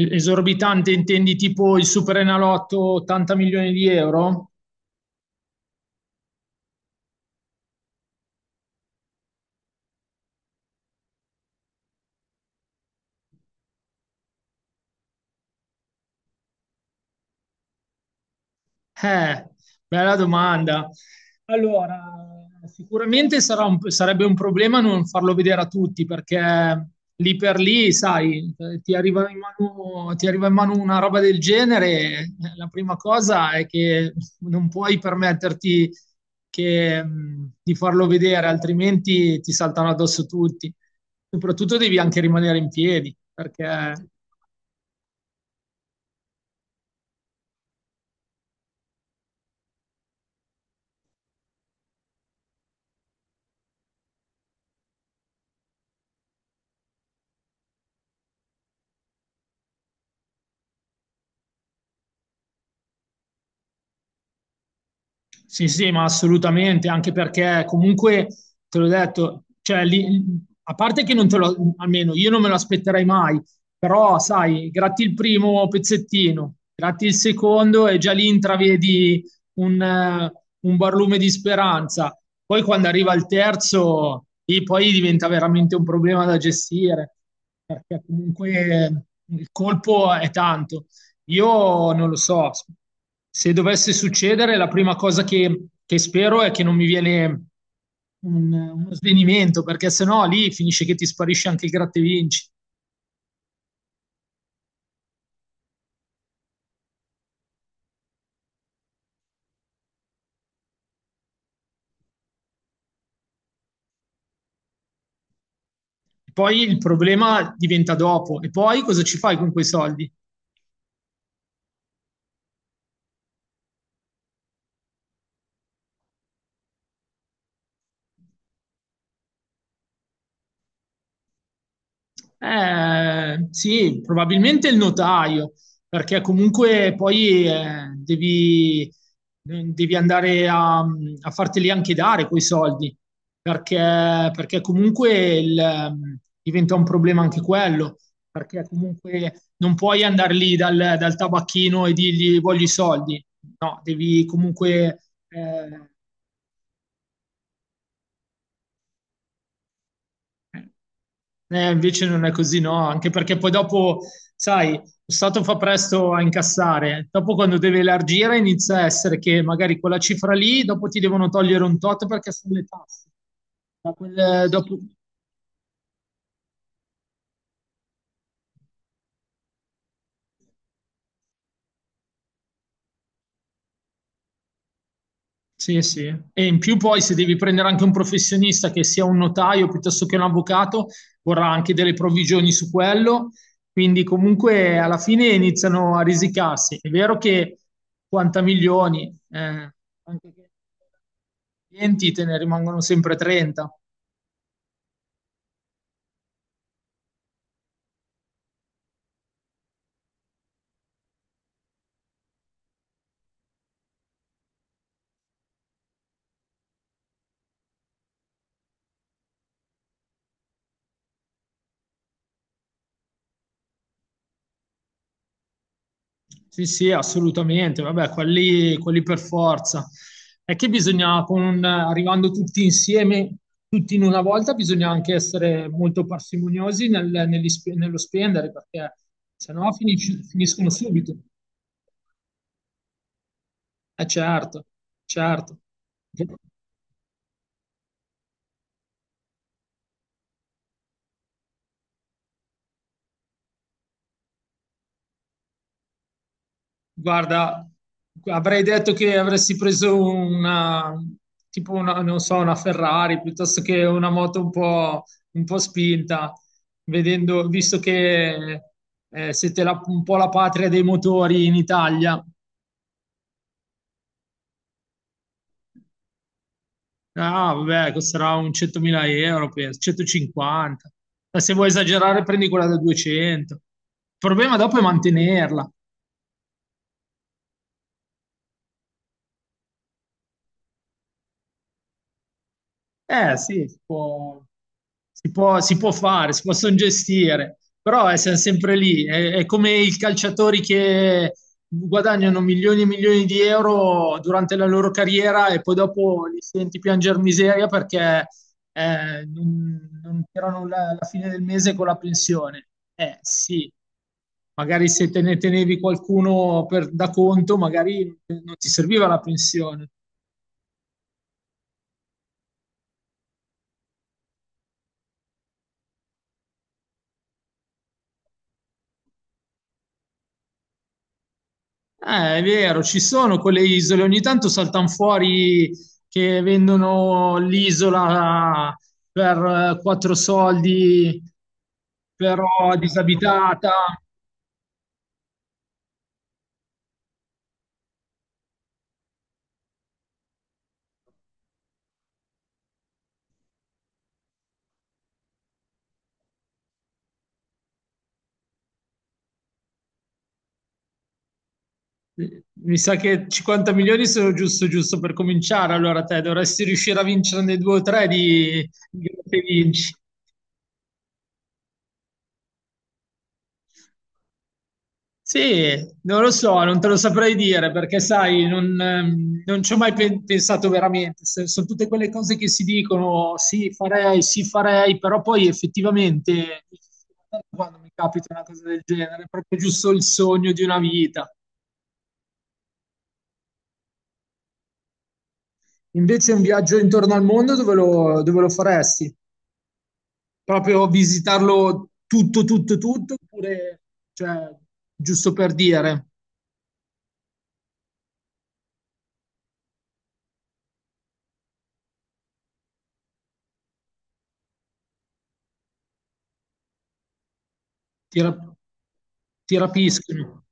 Esorbitante intendi tipo il Superenalotto 80 milioni di euro? Eh, bella domanda. Allora, sicuramente sarebbe un problema non farlo vedere a tutti perché lì per lì, sai, ti arriva in mano una roba del genere, la prima cosa è che non puoi permetterti di farlo vedere, altrimenti ti saltano addosso tutti. Soprattutto devi anche rimanere in piedi perché. Sì, sì, ma assolutamente, anche perché comunque, te l'ho detto, cioè, a parte che non te lo, almeno io non me lo aspetterei mai, però sai, gratti il primo pezzettino, gratti il secondo e già lì intravedi un, eh, un barlume di speranza. Poi quando arriva il terzo, lì poi diventa veramente un problema da gestire, perché comunque eh, il colpo è tanto. Io non lo so, se dovesse succedere, la prima cosa che spero è che non mi viene uno svenimento, perché sennò lì finisce che ti sparisce anche il gratta e vinci. Poi il problema diventa dopo. E poi cosa ci fai con quei soldi? Sì, probabilmente il notaio, perché comunque poi devi andare a farteli anche dare quei soldi, perché, perché, comunque diventa un problema anche quello, perché comunque non puoi andare lì dal tabacchino e dirgli voglio i soldi, no, devi comunque... eh, invece non è così, no? Anche perché poi dopo, sai, lo Stato fa presto a incassare. Dopo quando deve elargire inizia a essere che magari quella cifra lì, dopo ti devono togliere un tot perché sono le tasse. Da quel- eh, dopo- Sì, sì. E in più poi se devi prendere anche un professionista che sia un notaio piuttosto che un avvocato, vorrà anche delle provvigioni su quello. Quindi comunque alla fine iniziano a risicarsi. È vero che 50 milioni, anche che clienti te ne rimangono sempre 30. Sì, sì, assolutamente. Vabbè, quelli per forza. È che bisogna, arrivando tutti insieme, tutti in una volta, bisogna anche essere molto parsimoniosi nello spendere, perché sennò finiscono subito. Eh certo, certo. Guarda, avrei detto che avresti preso tipo una, non so, una Ferrari piuttosto che una moto un po' spinta, visto che siete un po' la patria dei motori in Italia. Ah, vabbè, costerà un 100.000 euro, penso, 150. Ma se vuoi esagerare, prendi quella da 200. Il problema dopo è mantenerla. Eh sì, si può fare, si possono gestire, però siamo sempre lì. È come i calciatori che guadagnano milioni e milioni di euro durante la loro carriera e poi dopo li senti piangere miseria perché non tirano la fine del mese con la pensione. Eh sì, magari se te ne tenevi qualcuno da conto, magari non ti serviva la pensione. È vero, ci sono quelle isole, ogni tanto saltano fuori che vendono l'isola per quattro soldi, però disabitata. Mi sa che 50 milioni sono giusto, giusto per cominciare. Allora, te dovresti riuscire a vincere nei due o tre di Gratta e vinci. Sì, non lo so, non te lo saprei dire perché, sai, non ci ho mai pensato veramente. Sono tutte quelle cose che si dicono, sì, farei, però poi effettivamente quando mi capita una cosa del genere, è proprio giusto il sogno di una vita. Invece un viaggio intorno al mondo dove lo faresti? Proprio visitarlo tutto, tutto, tutto, oppure, cioè, giusto per dire, ti, rap- ti rapiscono.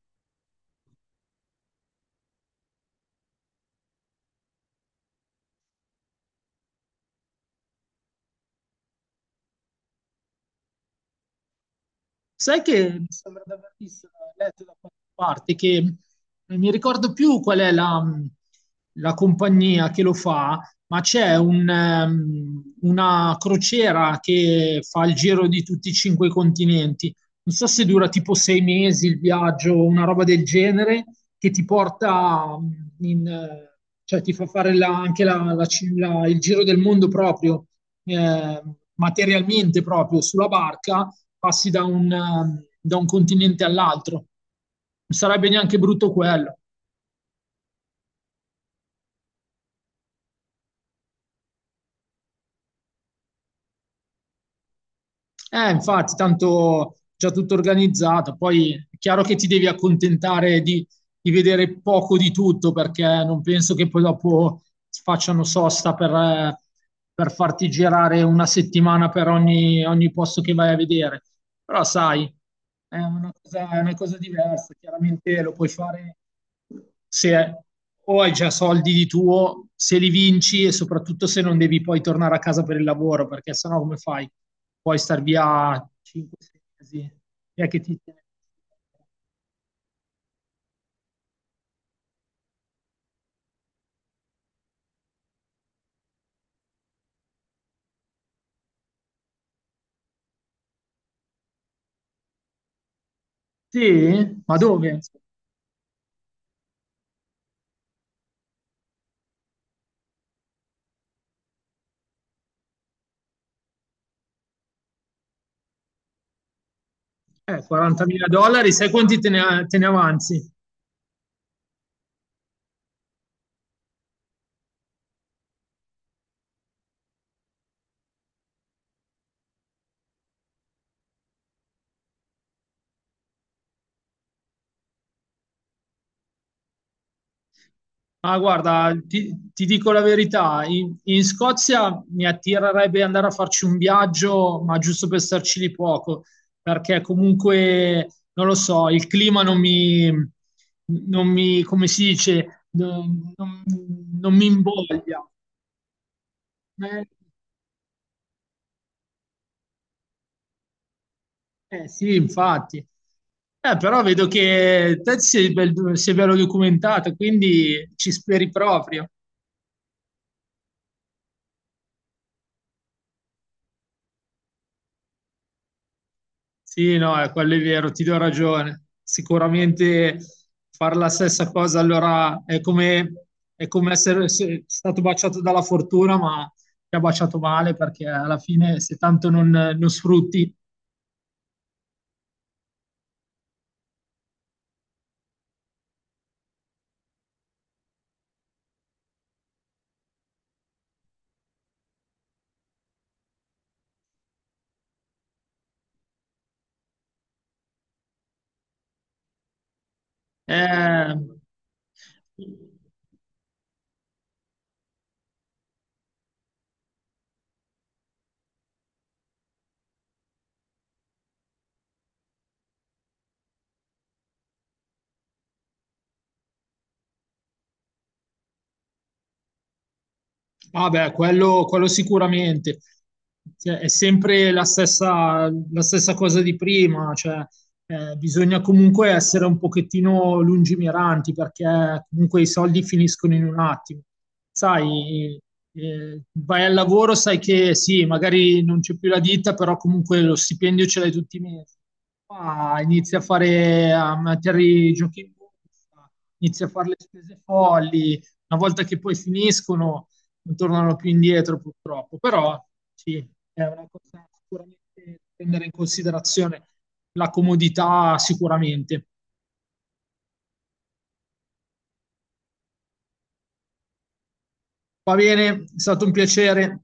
Sai che mi sembra di aver visto, letto da qualche parte che non mi ricordo più qual è la compagnia che lo fa, ma c'è una crociera che fa il giro di tutti i cinque continenti. Non so se dura tipo 6 mesi il viaggio o una roba del genere, che ti porta in, eh, cioè ti fa fare la- anche la- la ci- la- il giro del mondo proprio, eh, materialmente proprio sulla barca passi da da un continente all'altro. Non sarebbe neanche brutto quello. Infatti, tanto già tutto organizzato. Poi è chiaro che ti devi accontentare di vedere poco di tutto, perché non penso che poi dopo facciano sosta per farti girare una settimana per ogni posto che vai a vedere. Però sai, è una cosa diversa. Chiaramente lo puoi fare se o hai già soldi di tuo, se li vinci e soprattutto se non devi poi tornare a casa per il lavoro, perché sennò come fai? Puoi star via 5-6 mesi. Chi è che ti tiene? Sì? Ma dove? 40.000 dollari, sai quanti te ne avanzi? Ah, guarda, ti dico la verità, in Scozia mi attirerebbe andare a farci un viaggio, ma giusto per starci lì poco, perché comunque, non lo so, il clima non mi, non mi, come si dice, non mi imboglia. Eh, eh, sì, infatti. Però vedo che sei bello documentato, quindi ci speri proprio. Sì, no, quello è vero, ti do ragione. Sicuramente fare la stessa cosa allora è come essere stato baciato dalla fortuna, ma ti ha baciato male perché alla fine se tanto non sfrutti, eh, Ah beh, quello sicuramente. Cioè, è sempre la stessa cosa di prima, cioè, bisogna comunque essere un pochettino lungimiranti perché comunque i soldi finiscono in un attimo. Sai, vai al lavoro, sai che sì, magari non c'è più la ditta, però comunque lo stipendio ce l'hai tutti i mesi. Qua inizi a fare, a mettere i giochi in borsa, inizi a fare le spese folli, una volta che poi finiscono non tornano più indietro purtroppo, però sì, è una cosa sicuramente da prendere in considerazione la comodità sicuramente. Va bene, è stato un piacere.